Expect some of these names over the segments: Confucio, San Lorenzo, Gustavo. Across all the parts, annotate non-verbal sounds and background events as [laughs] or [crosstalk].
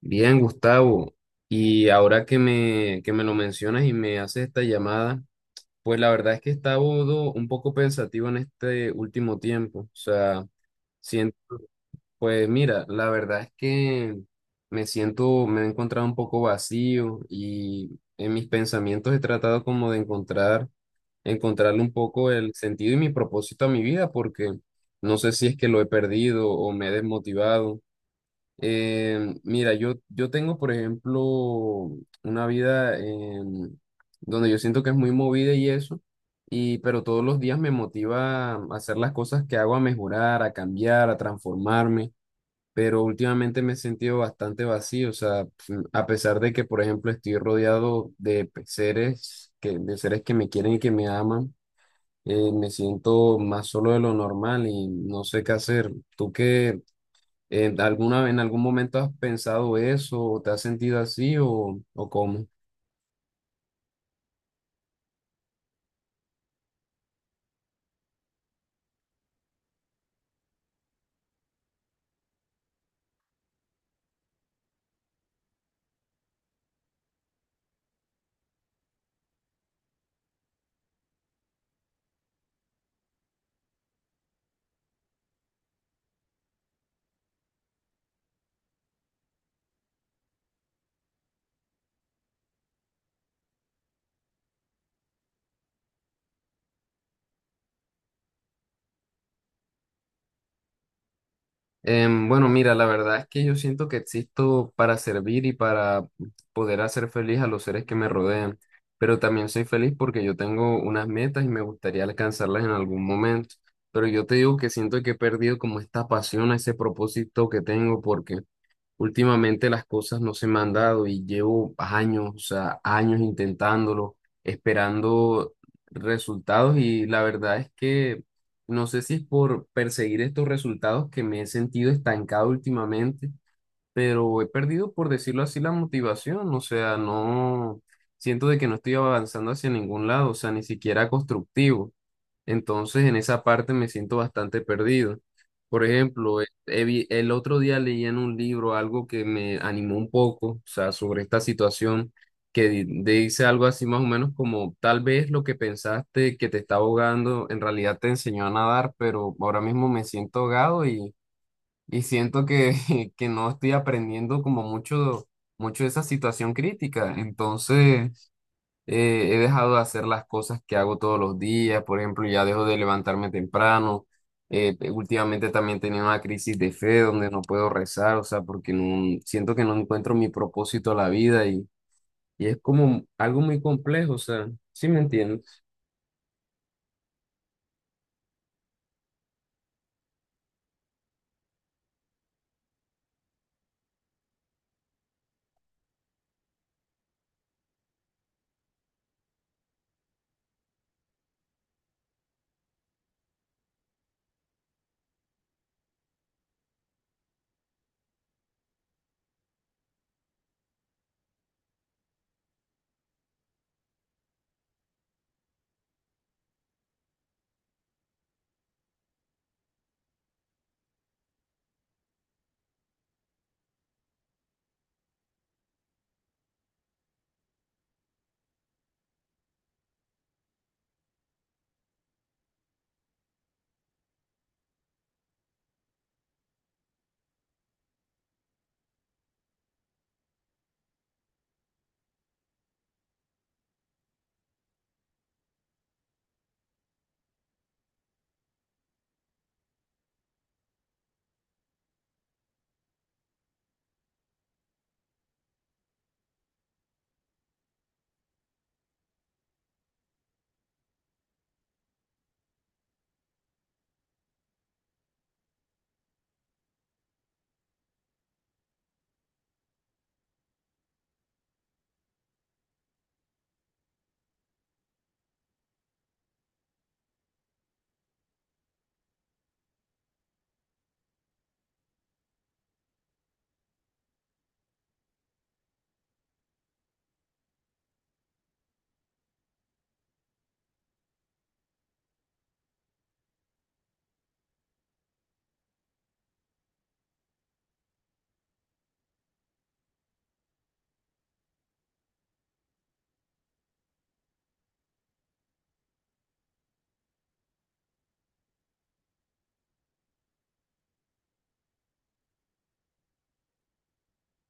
Bien, Gustavo. Y ahora que que me lo mencionas y me haces esta llamada, pues la verdad es que he estado un poco pensativo en este último tiempo. O sea, sien- pues mira, la verdad es que me he encontrado un poco vacío y en mis pensamientos he tratado como de encontrarle un poco el sentido y mi propósito a mi vida, porque no sé si es que lo he perdido o me he desmotivado. Mira, yo tengo, por ejemplo, una vida donde yo siento que es muy movida y eso, pero todos los días me motiva a hacer las cosas que hago, a mejorar, a cambiar, a transformarme, pero últimamente me he sentido bastante vacío. O sea, a pesar de que, por ejemplo, estoy rodeado de de seres que me quieren y que me aman, me siento más solo de lo normal y no sé qué hacer. ¿Tú qué? ¿En algún momento has pensado eso o te has sentido así o cómo? Bueno, mira, la verdad es que yo siento que existo para servir y para poder hacer feliz a los seres que me rodean, pero también soy feliz porque yo tengo unas metas y me gustaría alcanzarlas en algún momento. Pero yo te digo que siento que he perdido como esta pasión, ese propósito que tengo, porque últimamente las cosas no se me han dado y llevo años, o sea, años intentándolo, esperando resultados, y la verdad es que no sé si es por perseguir estos resultados que me he sentido estancado últimamente, pero he perdido, por decirlo así, la motivación. O sea, no siento de que no estoy avanzando hacia ningún lado, o sea, ni siquiera constructivo. Entonces, en esa parte me siento bastante perdido. Por ejemplo, el otro día leí en un libro algo que me animó un poco, o sea, sobre esta situación, que dice algo así más o menos como, tal vez lo que pensaste que te está ahogando, en realidad te enseñó a nadar, pero ahora mismo me siento ahogado, y siento que, [laughs] que no estoy aprendiendo como mucho, mucho de esa situación crítica. Entonces he dejado de hacer las cosas que hago todos los días. Por ejemplo, ya dejo de levantarme temprano. Últimamente también tenía una crisis de fe donde no puedo rezar, o sea, porque no, siento que no encuentro mi propósito a la vida, y es como algo muy complejo, o sea, ¿sí me entiendes?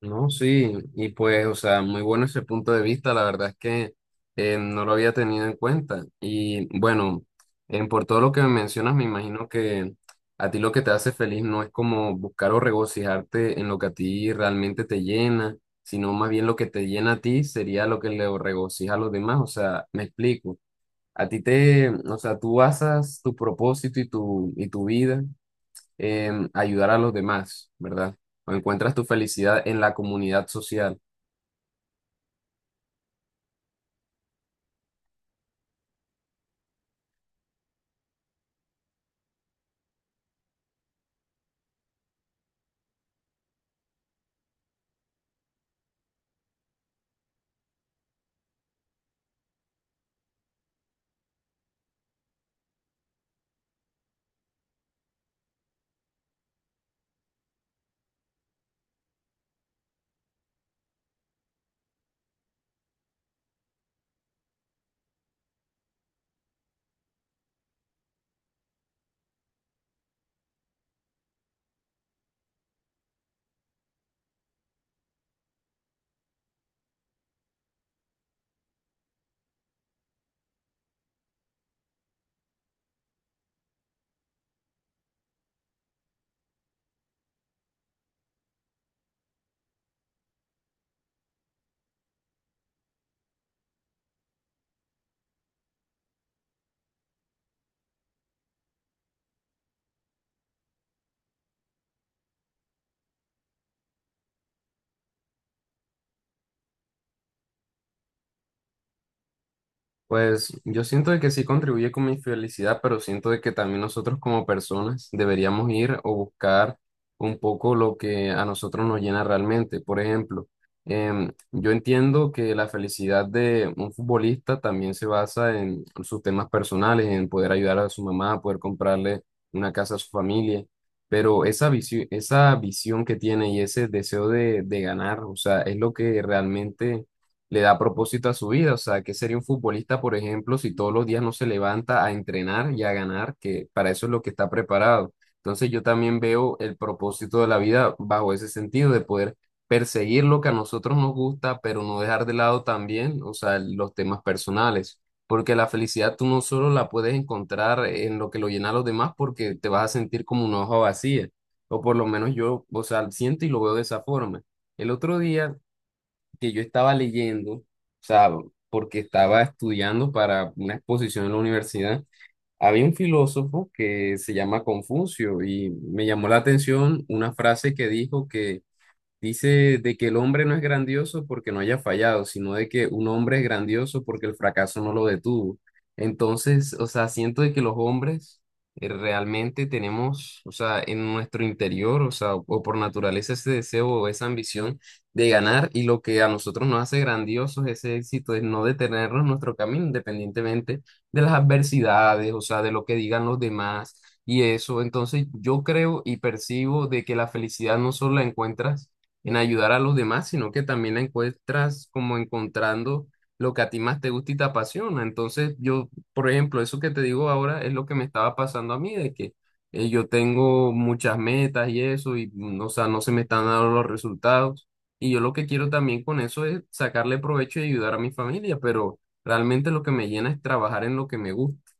No, sí, y pues, o sea, muy bueno ese punto de vista, la verdad es que no lo había tenido en cuenta. Y bueno, en por todo lo que me mencionas, me imagino que a ti lo que te hace feliz no es como buscar o regocijarte en lo que a ti realmente te llena, sino más bien lo que te llena a ti sería lo que le regocija a los demás. O sea, me explico. O sea, tú basas tu propósito y tu vida, ayudar a los demás, ¿verdad? O encuentras tu felicidad en la comunidad social. Pues yo siento de que sí contribuye con mi felicidad, pero siento de que también nosotros como personas deberíamos ir o buscar un poco lo que a nosotros nos llena realmente. Por ejemplo, yo entiendo que la felicidad de un futbolista también se basa en sus temas personales, en poder ayudar a su mamá, poder comprarle una casa a su familia, pero esa visión que tiene y ese deseo de ganar, o sea, es lo que realmente le da propósito a su vida. O sea, ¿qué sería un futbolista, por ejemplo, si todos los días no se levanta a entrenar y a ganar? Que para eso es lo que está preparado. Entonces yo también veo el propósito de la vida bajo ese sentido de poder perseguir lo que a nosotros nos gusta, pero no dejar de lado también, o sea, los temas personales. Porque la felicidad tú no solo la puedes encontrar en lo que lo llena a los demás, porque te vas a sentir como una hoja vacía. O por lo menos yo, o sea, siento y lo veo de esa forma. El otro día que yo estaba leyendo, o sea, porque estaba estudiando para una exposición en la universidad, había un filósofo que se llama Confucio y me llamó la atención una frase que dijo, que dice de que el hombre no es grandioso porque no haya fallado, sino de que un hombre es grandioso porque el fracaso no lo detuvo. Entonces, o sea, siento de que los hombres realmente tenemos, o sea, en nuestro interior, o sea, o por naturaleza ese deseo o esa ambición de ganar, y lo que a nosotros nos hace grandiosos ese éxito es no detenernos en nuestro camino, independientemente de las adversidades, o sea, de lo que digan los demás y eso. Entonces, yo creo y percibo de que la felicidad no solo la encuentras en ayudar a los demás, sino que también la encuentras como encontrando lo que a ti más te gusta y te apasiona. Entonces, yo, por ejemplo, eso que te digo ahora es lo que me estaba pasando a mí, de que yo tengo muchas metas y eso, o sea, no se me están dando los resultados. Y yo lo que quiero también con eso es sacarle provecho y ayudar a mi familia, pero realmente lo que me llena es trabajar en lo que me gusta.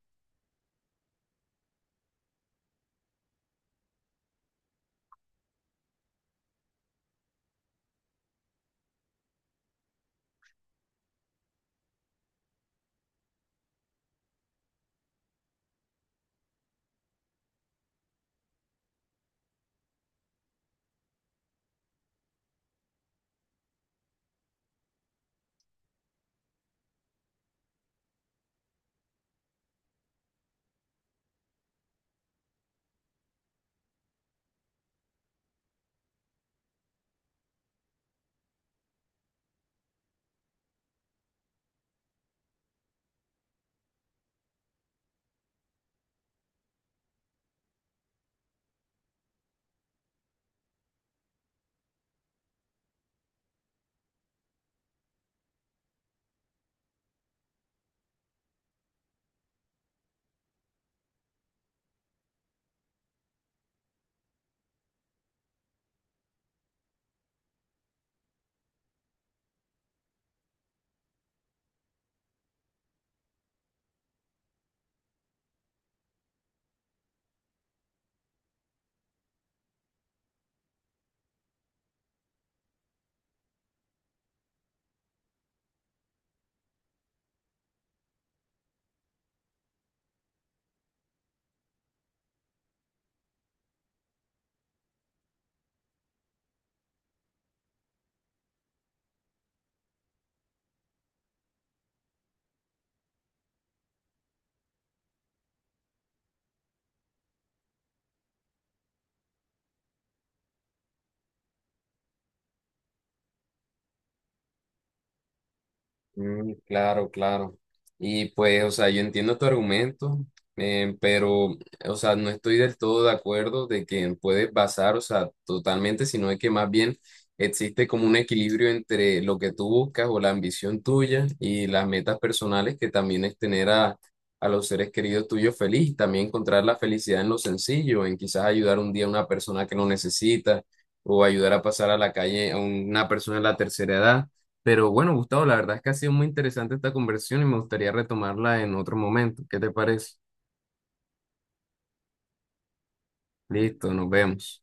Mm, claro, claro. Y pues, o sea, yo entiendo tu argumento, pero o sea, no estoy del todo de acuerdo de que puedes basar, o sea, totalmente, sino es que más bien existe como un equilibrio entre lo que tú buscas o la ambición tuya y las metas personales, que también es tener a los seres queridos tuyos feliz, también encontrar la felicidad en lo sencillo, en quizás ayudar un día a una persona que lo necesita o ayudar a pasar a la calle a una persona de la tercera edad. Pero bueno, Gustavo, la verdad es que ha sido muy interesante esta conversación y me gustaría retomarla en otro momento. ¿Qué te parece? Listo, nos vemos.